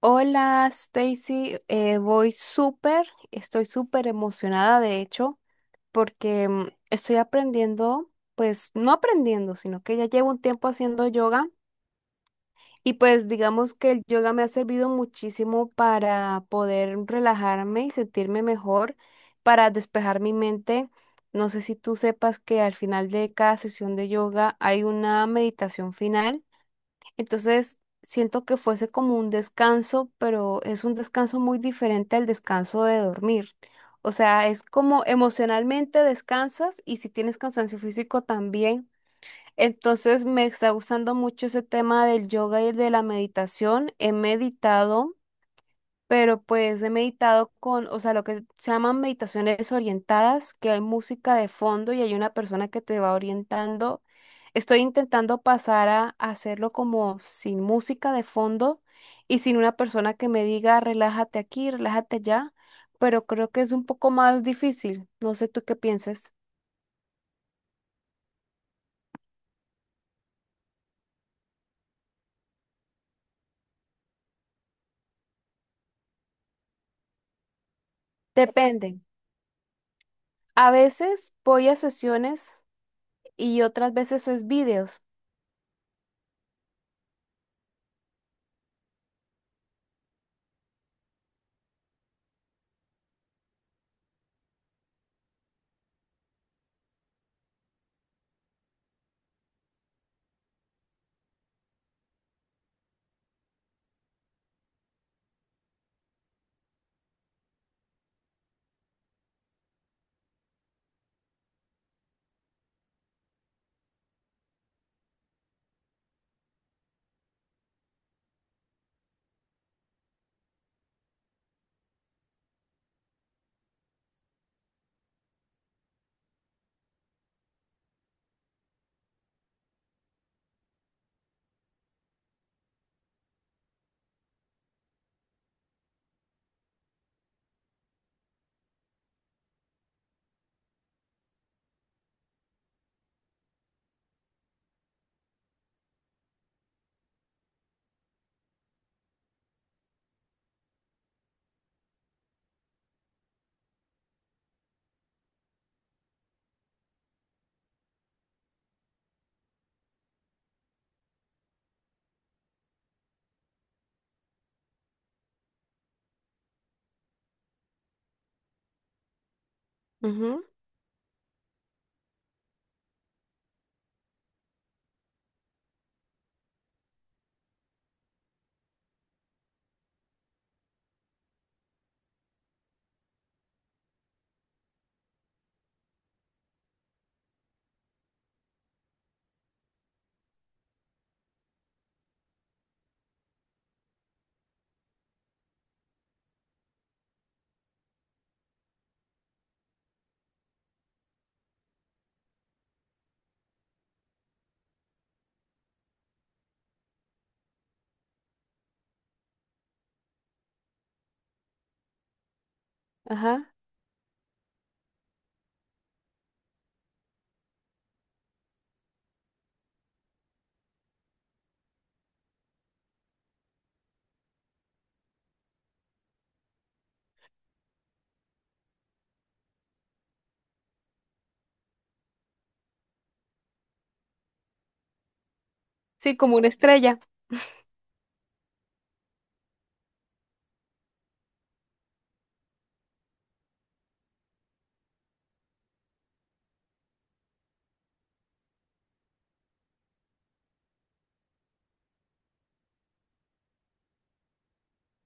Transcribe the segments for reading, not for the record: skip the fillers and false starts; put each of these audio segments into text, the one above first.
Hola, Stacy. Voy súper, estoy súper emocionada, de hecho, porque estoy aprendiendo, pues no aprendiendo, sino que ya llevo un tiempo haciendo yoga y pues digamos que el yoga me ha servido muchísimo para poder relajarme y sentirme mejor, para despejar mi mente. No sé si tú sepas que al final de cada sesión de yoga hay una meditación final, entonces siento que fuese como un descanso, pero es un descanso muy diferente al descanso de dormir. O sea, es como emocionalmente descansas y si tienes cansancio físico también. Entonces, me está gustando mucho ese tema del yoga y de la meditación. He meditado, pero pues he meditado con, o sea, lo que se llaman meditaciones orientadas, que hay música de fondo y hay una persona que te va orientando. Estoy intentando pasar a hacerlo como sin música de fondo y sin una persona que me diga relájate aquí, relájate allá, pero creo que es un poco más difícil. No sé tú qué piensas. Depende. A veces voy a sesiones y otras veces es vídeos. Ujú. Ajá. Sí, como una estrella.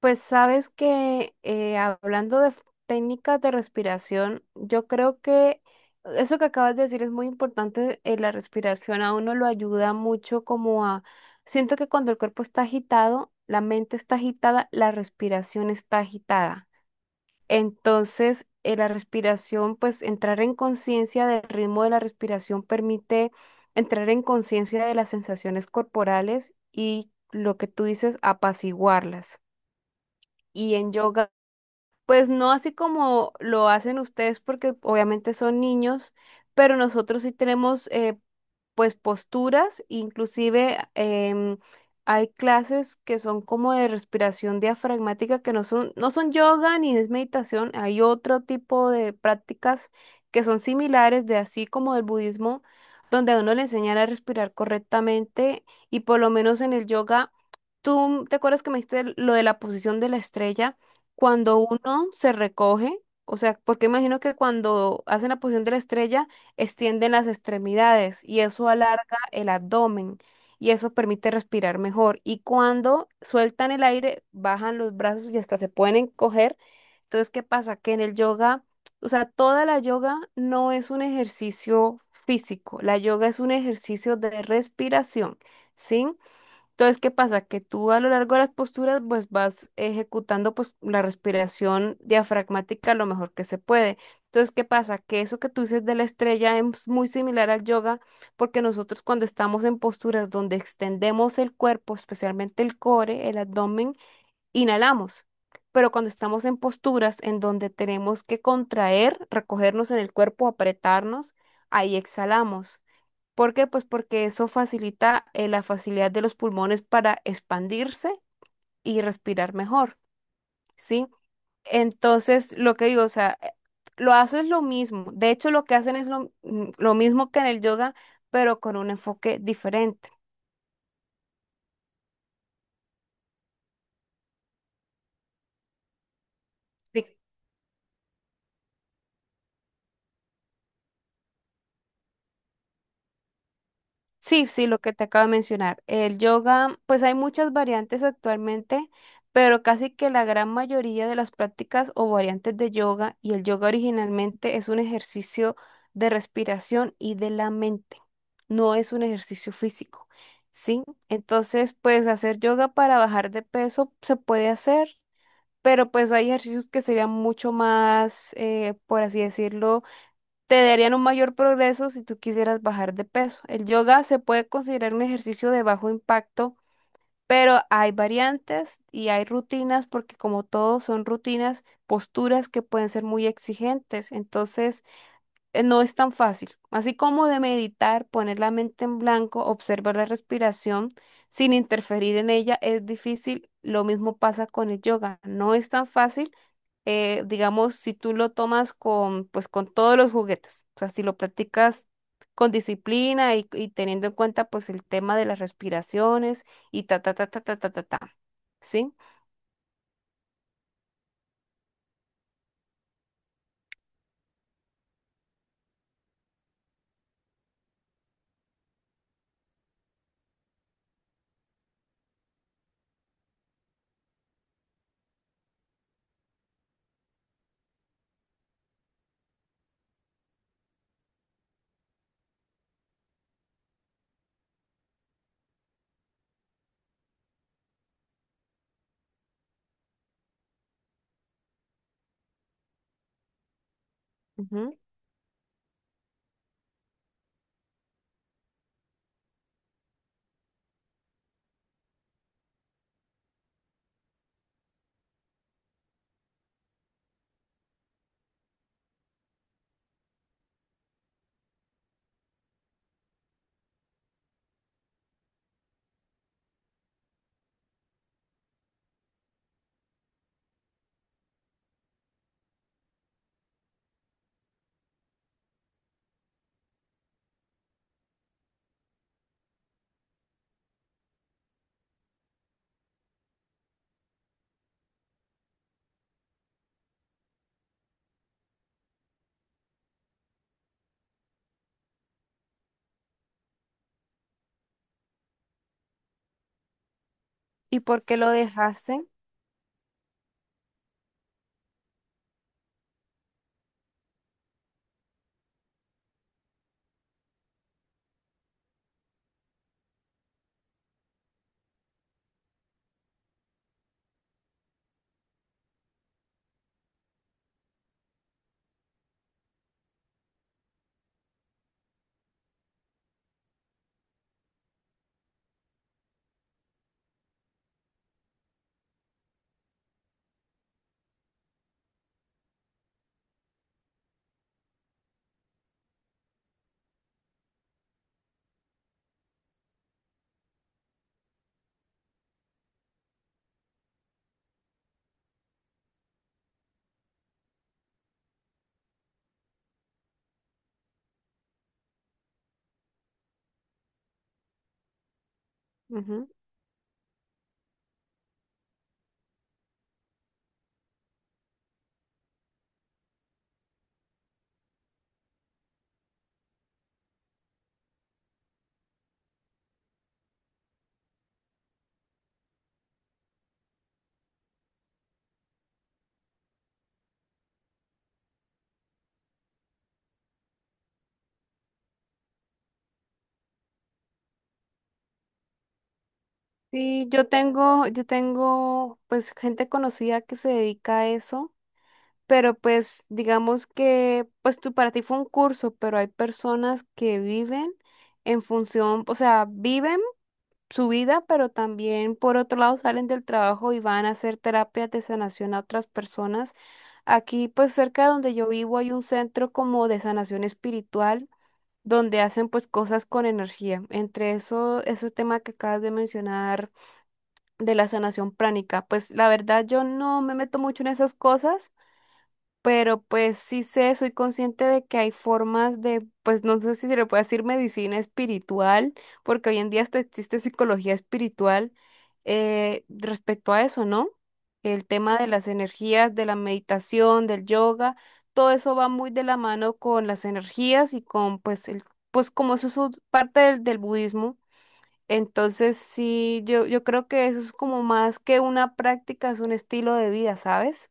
Pues sabes que hablando de técnicas de respiración, yo creo que eso que acabas de decir es muy importante. La respiración a uno lo ayuda mucho como a... Siento que cuando el cuerpo está agitado, la mente está agitada, la respiración está agitada. Entonces, la respiración, pues entrar en conciencia del ritmo de la respiración permite entrar en conciencia de las sensaciones corporales y lo que tú dices, apaciguarlas. Y en yoga, pues no así como lo hacen ustedes, porque obviamente son niños, pero nosotros sí tenemos pues posturas, inclusive hay clases que son como de respiración diafragmática, que no son yoga ni es meditación, hay otro tipo de prácticas que son similares de así como del budismo, donde a uno le enseñan a respirar correctamente y por lo menos en el yoga, tú te acuerdas que me dijiste lo de la posición de la estrella cuando uno se recoge, o sea, porque imagino que cuando hacen la posición de la estrella, extienden las extremidades y eso alarga el abdomen y eso permite respirar mejor. Y cuando sueltan el aire, bajan los brazos y hasta se pueden encoger. Entonces, ¿qué pasa? Que en el yoga, o sea, toda la yoga no es un ejercicio físico, la yoga es un ejercicio de respiración, ¿sí? Entonces, ¿qué pasa? Que tú a lo largo de las posturas, pues vas ejecutando pues la respiración diafragmática lo mejor que se puede. Entonces, ¿qué pasa? Que eso que tú dices de la estrella es muy similar al yoga, porque nosotros cuando estamos en posturas donde extendemos el cuerpo, especialmente el core, el abdomen, inhalamos. Pero cuando estamos en posturas en donde tenemos que contraer, recogernos en el cuerpo, apretarnos, ahí exhalamos. ¿Por qué? Pues porque eso facilita la facilidad de los pulmones para expandirse y respirar mejor, ¿sí? Entonces, lo que digo, o sea, lo haces lo mismo. De hecho, lo que hacen es lo, lo mismo que en el yoga, pero con un enfoque diferente. Sí, sí, lo que te acabo de mencionar. El yoga, pues hay muchas variantes actualmente, pero casi que la gran mayoría de las prácticas o variantes de yoga y el yoga originalmente es un ejercicio de respiración y de la mente, no es un ejercicio físico, ¿sí? Entonces, pues hacer yoga para bajar de peso se puede hacer, pero pues hay ejercicios que serían mucho más, por así decirlo, te darían un mayor progreso si tú quisieras bajar de peso. El yoga se puede considerar un ejercicio de bajo impacto, pero hay variantes y hay rutinas porque como todo son rutinas, posturas que pueden ser muy exigentes, entonces no es tan fácil. Así como de meditar, poner la mente en blanco, observar la respiración sin interferir en ella es difícil, lo mismo pasa con el yoga. No es tan fácil, digamos, si tú lo tomas con, pues, con todos los juguetes, o sea, si lo practicas con disciplina y teniendo en cuenta, pues, el tema de las respiraciones y ta, ta, ta, ta, ta, ta, ta, ta, ¿sí? Ujú. ¿Y por qué lo dejaste? Ujú. Sí, yo tengo, pues, gente conocida que se dedica a eso. Pero pues digamos que pues tú para ti fue un curso, pero hay personas que viven en función, o sea, viven su vida, pero también por otro lado salen del trabajo y van a hacer terapias de sanación a otras personas. Aquí pues cerca de donde yo vivo hay un centro como de sanación espiritual donde hacen pues cosas con energía. Entre eso, ese tema que acabas de mencionar de la sanación pránica, pues la verdad yo no me meto mucho en esas cosas. Pero pues sí sé, soy consciente de que hay formas de, pues no sé si se le puede decir medicina espiritual, porque hoy en día hasta existe psicología espiritual, respecto a eso, ¿no? El tema de las energías, de la meditación, del yoga, todo eso va muy de la mano con las energías y con, pues, el, pues como eso es parte del, del budismo. Entonces sí, yo creo que eso es como más que una práctica, es un estilo de vida, ¿sabes?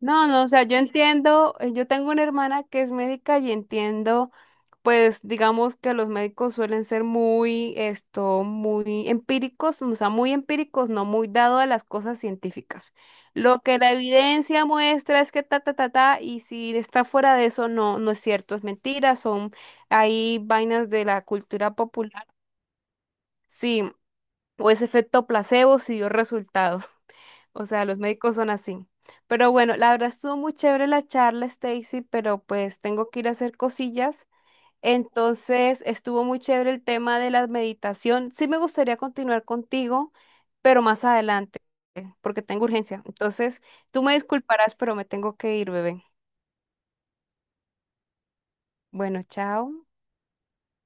No, no, o sea, yo entiendo, yo tengo una hermana que es médica y entiendo, pues digamos que los médicos suelen ser muy, esto, muy empíricos, o sea, muy empíricos, no muy dado a las cosas científicas. Lo que la evidencia muestra es que ta, ta, ta, ta, y si está fuera de eso, no, no es cierto, es mentira, son ahí vainas de la cultura popular. Sí, o ese efecto placebo si dio resultado. O sea, los médicos son así. Pero bueno, la verdad estuvo muy chévere la charla, Stacy, pero pues tengo que ir a hacer cosillas. Entonces, estuvo muy chévere el tema de la meditación. Sí me gustaría continuar contigo, pero más adelante, porque tengo urgencia. Entonces, tú me disculparás, pero me tengo que ir, bebé. Bueno, chao.